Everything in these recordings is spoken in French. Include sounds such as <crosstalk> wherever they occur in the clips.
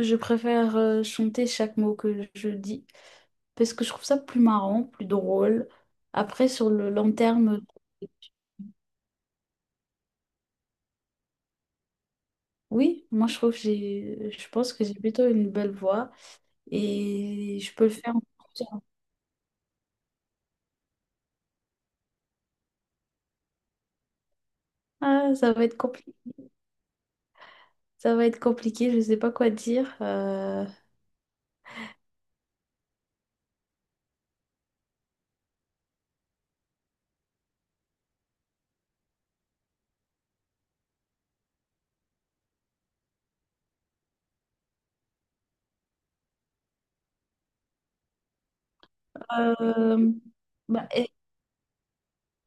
Je préfère chanter chaque mot que je dis parce que je trouve ça plus marrant, plus drôle. Après, sur le long terme, oui, moi je pense que j'ai plutôt une belle voix et je peux le faire. Ah, ça va être compliqué. Ça va être compliqué. Je sais pas quoi dire. Euh, bah, e-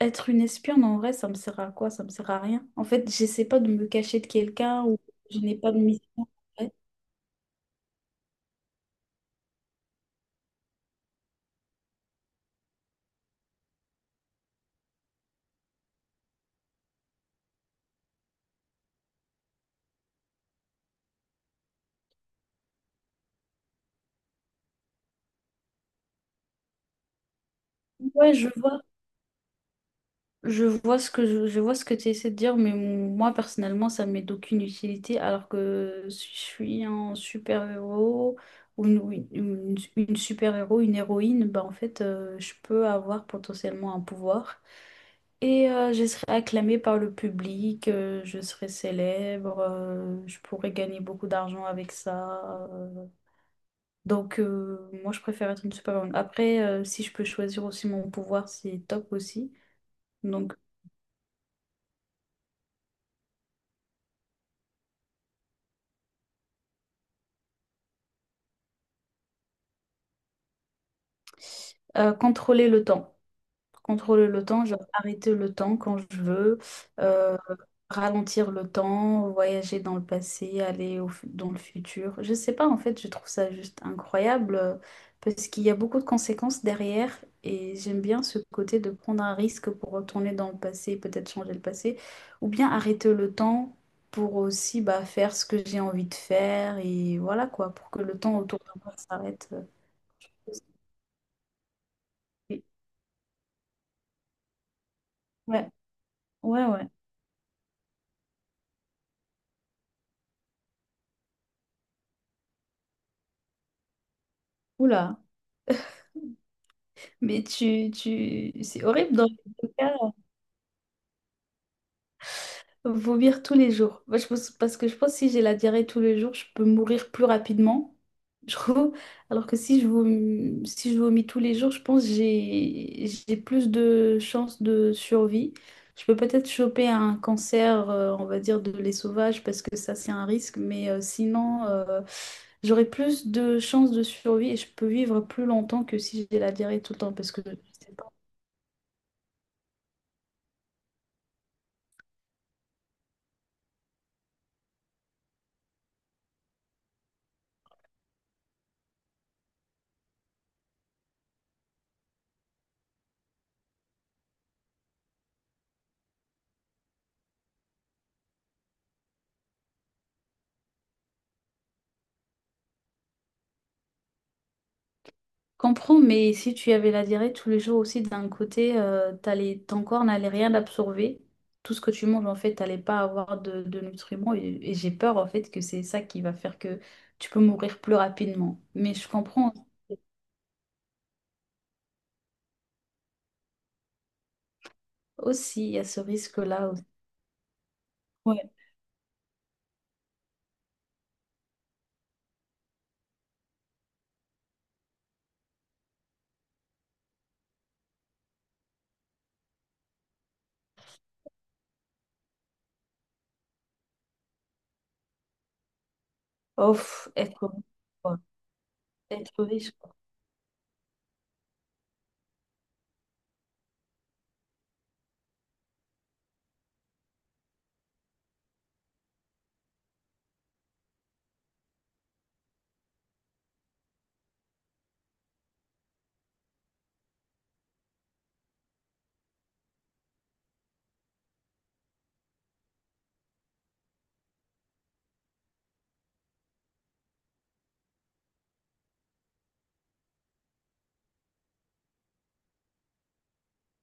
Être une espionne en vrai, ça me sert à quoi? Ça me sert à rien. En fait, j'essaie pas de me cacher de quelqu'un ou je n'ai pas de mission. En vrai. Ouais, je vois. Je vois ce que tu essaies de dire, mais moi personnellement, ça m'est d'aucune utilité, alors que si je suis un super-héros ou une super-héros, une héroïne, bah en fait, je peux avoir potentiellement un pouvoir. Et je serai acclamée par le public, je serai célèbre, je pourrais gagner beaucoup d'argent avec ça. Donc moi, je préfère être une super-héroïne. Après, si je peux choisir aussi mon pouvoir, c'est top aussi. Donc, Contrôler le temps. Contrôler le temps, genre arrêter le temps quand je veux, euh, ralentir le temps, voyager dans le passé, dans le futur. Je sais pas, en fait, je trouve ça juste incroyable parce qu'il y a beaucoup de conséquences derrière et j'aime bien ce côté de prendre un risque pour retourner dans le passé, peut-être changer le passé, ou bien arrêter le temps pour aussi bah, faire ce que j'ai envie de faire et voilà quoi, pour que le temps autour de moi s'arrête. Ouais, ouais, ouais. Oula, c'est horrible dans les deux cas, vomir tous les jours. Moi, je pense, parce que je pense que si j'ai la diarrhée tous les jours, je peux mourir plus rapidement. Je trouve. Alors que si je vomis, si je vomis tous les jours, je pense que j'ai plus de chances de survie. Je peux peut-être choper un cancer, on va dire, de l'œsophage parce que ça, c'est un risque. Mais sinon, j'aurai plus de chances de survie et je peux vivre plus longtemps que si j'ai la diarrhée tout le temps parce que Comprends, mais si tu avais la diarrhée tous les jours aussi, d'un côté, ton corps n'allait rien absorber. Tout ce que tu manges, en fait, t'allais pas avoir de nutriments. Et j'ai peur, en fait, que c'est ça qui va faire que tu peux mourir plus rapidement. Mais je comprends aussi, il y a ce risque-là aussi. Ouais. Oh, pff, être riche, quoi.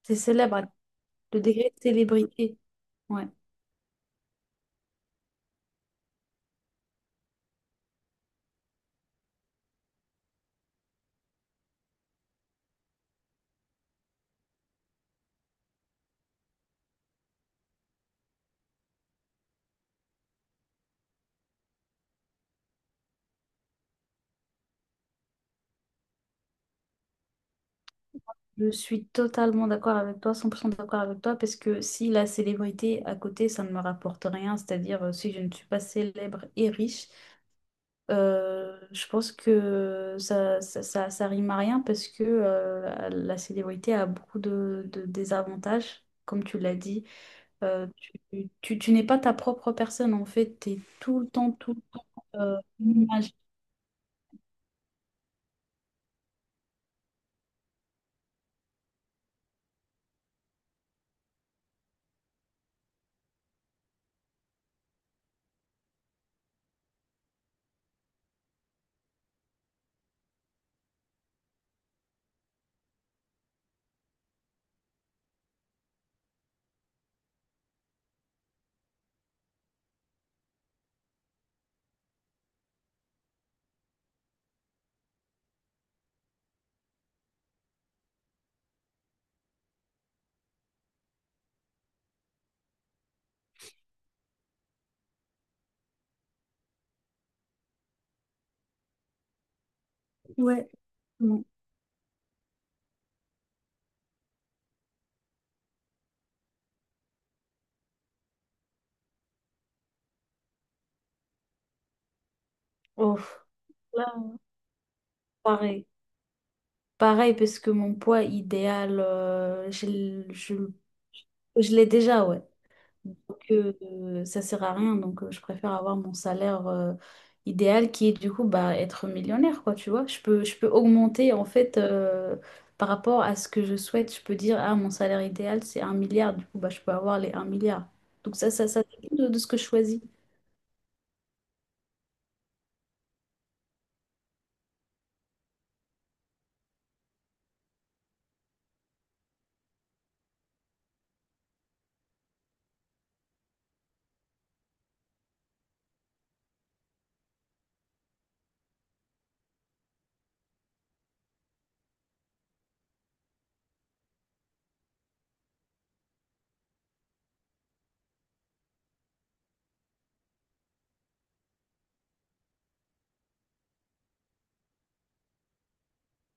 C'est célèbre, hein, le degré de célébrité. Ouais. Je suis totalement d'accord avec toi, 100% d'accord avec toi, parce que si la célébrité à côté, ça ne me rapporte rien, c'est-à-dire si je ne suis pas célèbre et riche, je pense que ça rime à rien parce que la célébrité a beaucoup de désavantages, comme tu l'as dit. Tu n'es pas ta propre personne, en fait, tu es tout le temps, une image. Ouais. Oh, là, pareil. Pareil, parce que mon poids idéal, je l'ai déjà, ouais. Donc, ça sert à rien. Donc, je préfère avoir mon salaire, idéal qui est du coup bah, être millionnaire, quoi, tu vois. Je peux augmenter, en fait, par rapport à ce que je souhaite. Je peux dire, ah, mon salaire idéal, c'est 1 milliard. Du coup, bah, je peux avoir les 1 milliard. Donc, ça dépend de ce que je choisis.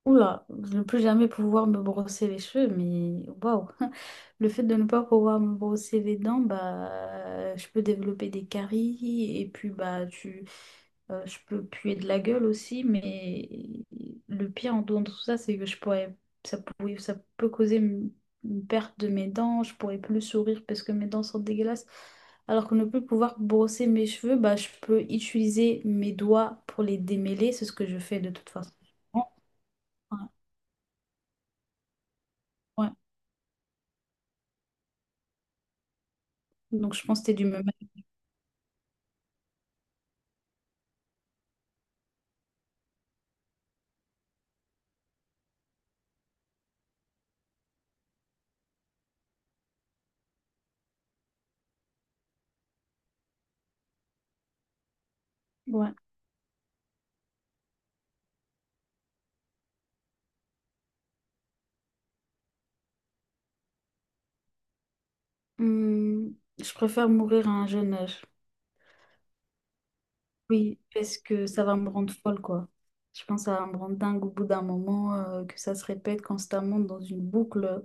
Oula, de ne plus jamais pouvoir me brosser les cheveux, mais waouh! <laughs> Le fait de ne pas pouvoir me brosser les dents, bah, je peux développer des caries et puis bah, je peux puer de la gueule aussi, mais le pire en dehors de tout ça, c'est que je pourrais, ça pourrait, ça peut causer une perte de mes dents, je pourrais plus sourire parce que mes dents sont dégueulasses. Alors que ne plus pouvoir brosser mes cheveux, bah, je peux utiliser mes doigts pour les démêler, c'est ce que je fais de toute façon. Ouais. Donc je pense que t'es du même avis. Ouais. Je préfère mourir à un jeune âge. Oui, parce que ça va me rendre folle, quoi. Je pense que ça va me rendre dingue au bout d'un moment, que ça se répète constamment dans une boucle.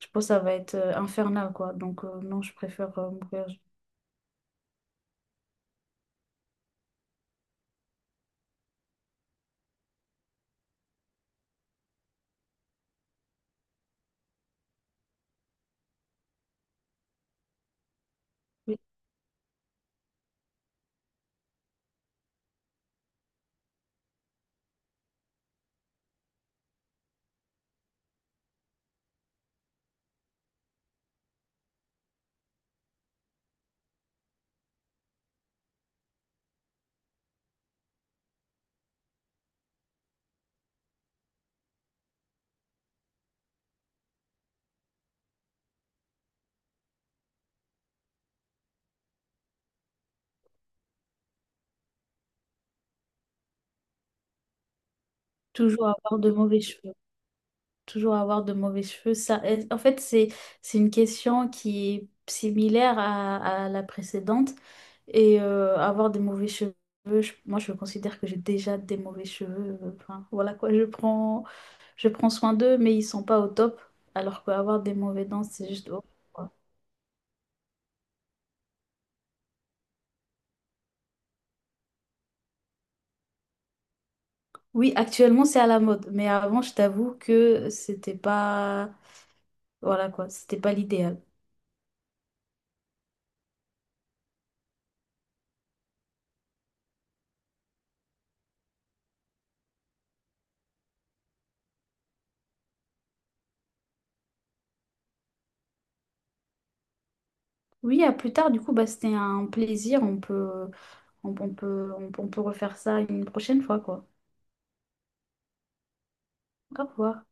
Je pense que ça va être infernal, quoi. Donc non, je préfère mourir. Oui, toujours avoir de mauvais cheveux. Toujours avoir de mauvais cheveux. En fait, c'est une question qui est similaire à la précédente. Et avoir des mauvais cheveux, moi, je considère que j'ai déjà des mauvais cheveux. Enfin, voilà quoi, je prends soin d'eux, mais ils sont pas au top. Alors qu'avoir des mauvais dents, c'est juste horrible, quoi. Oui, actuellement, c'est à la mode. Mais avant, je t'avoue que c'était pas. Voilà quoi, c'était pas l'idéal. Oui, à plus tard, du coup, bah, c'était un plaisir. On peut. On peut refaire ça une prochaine fois, quoi. Au revoir.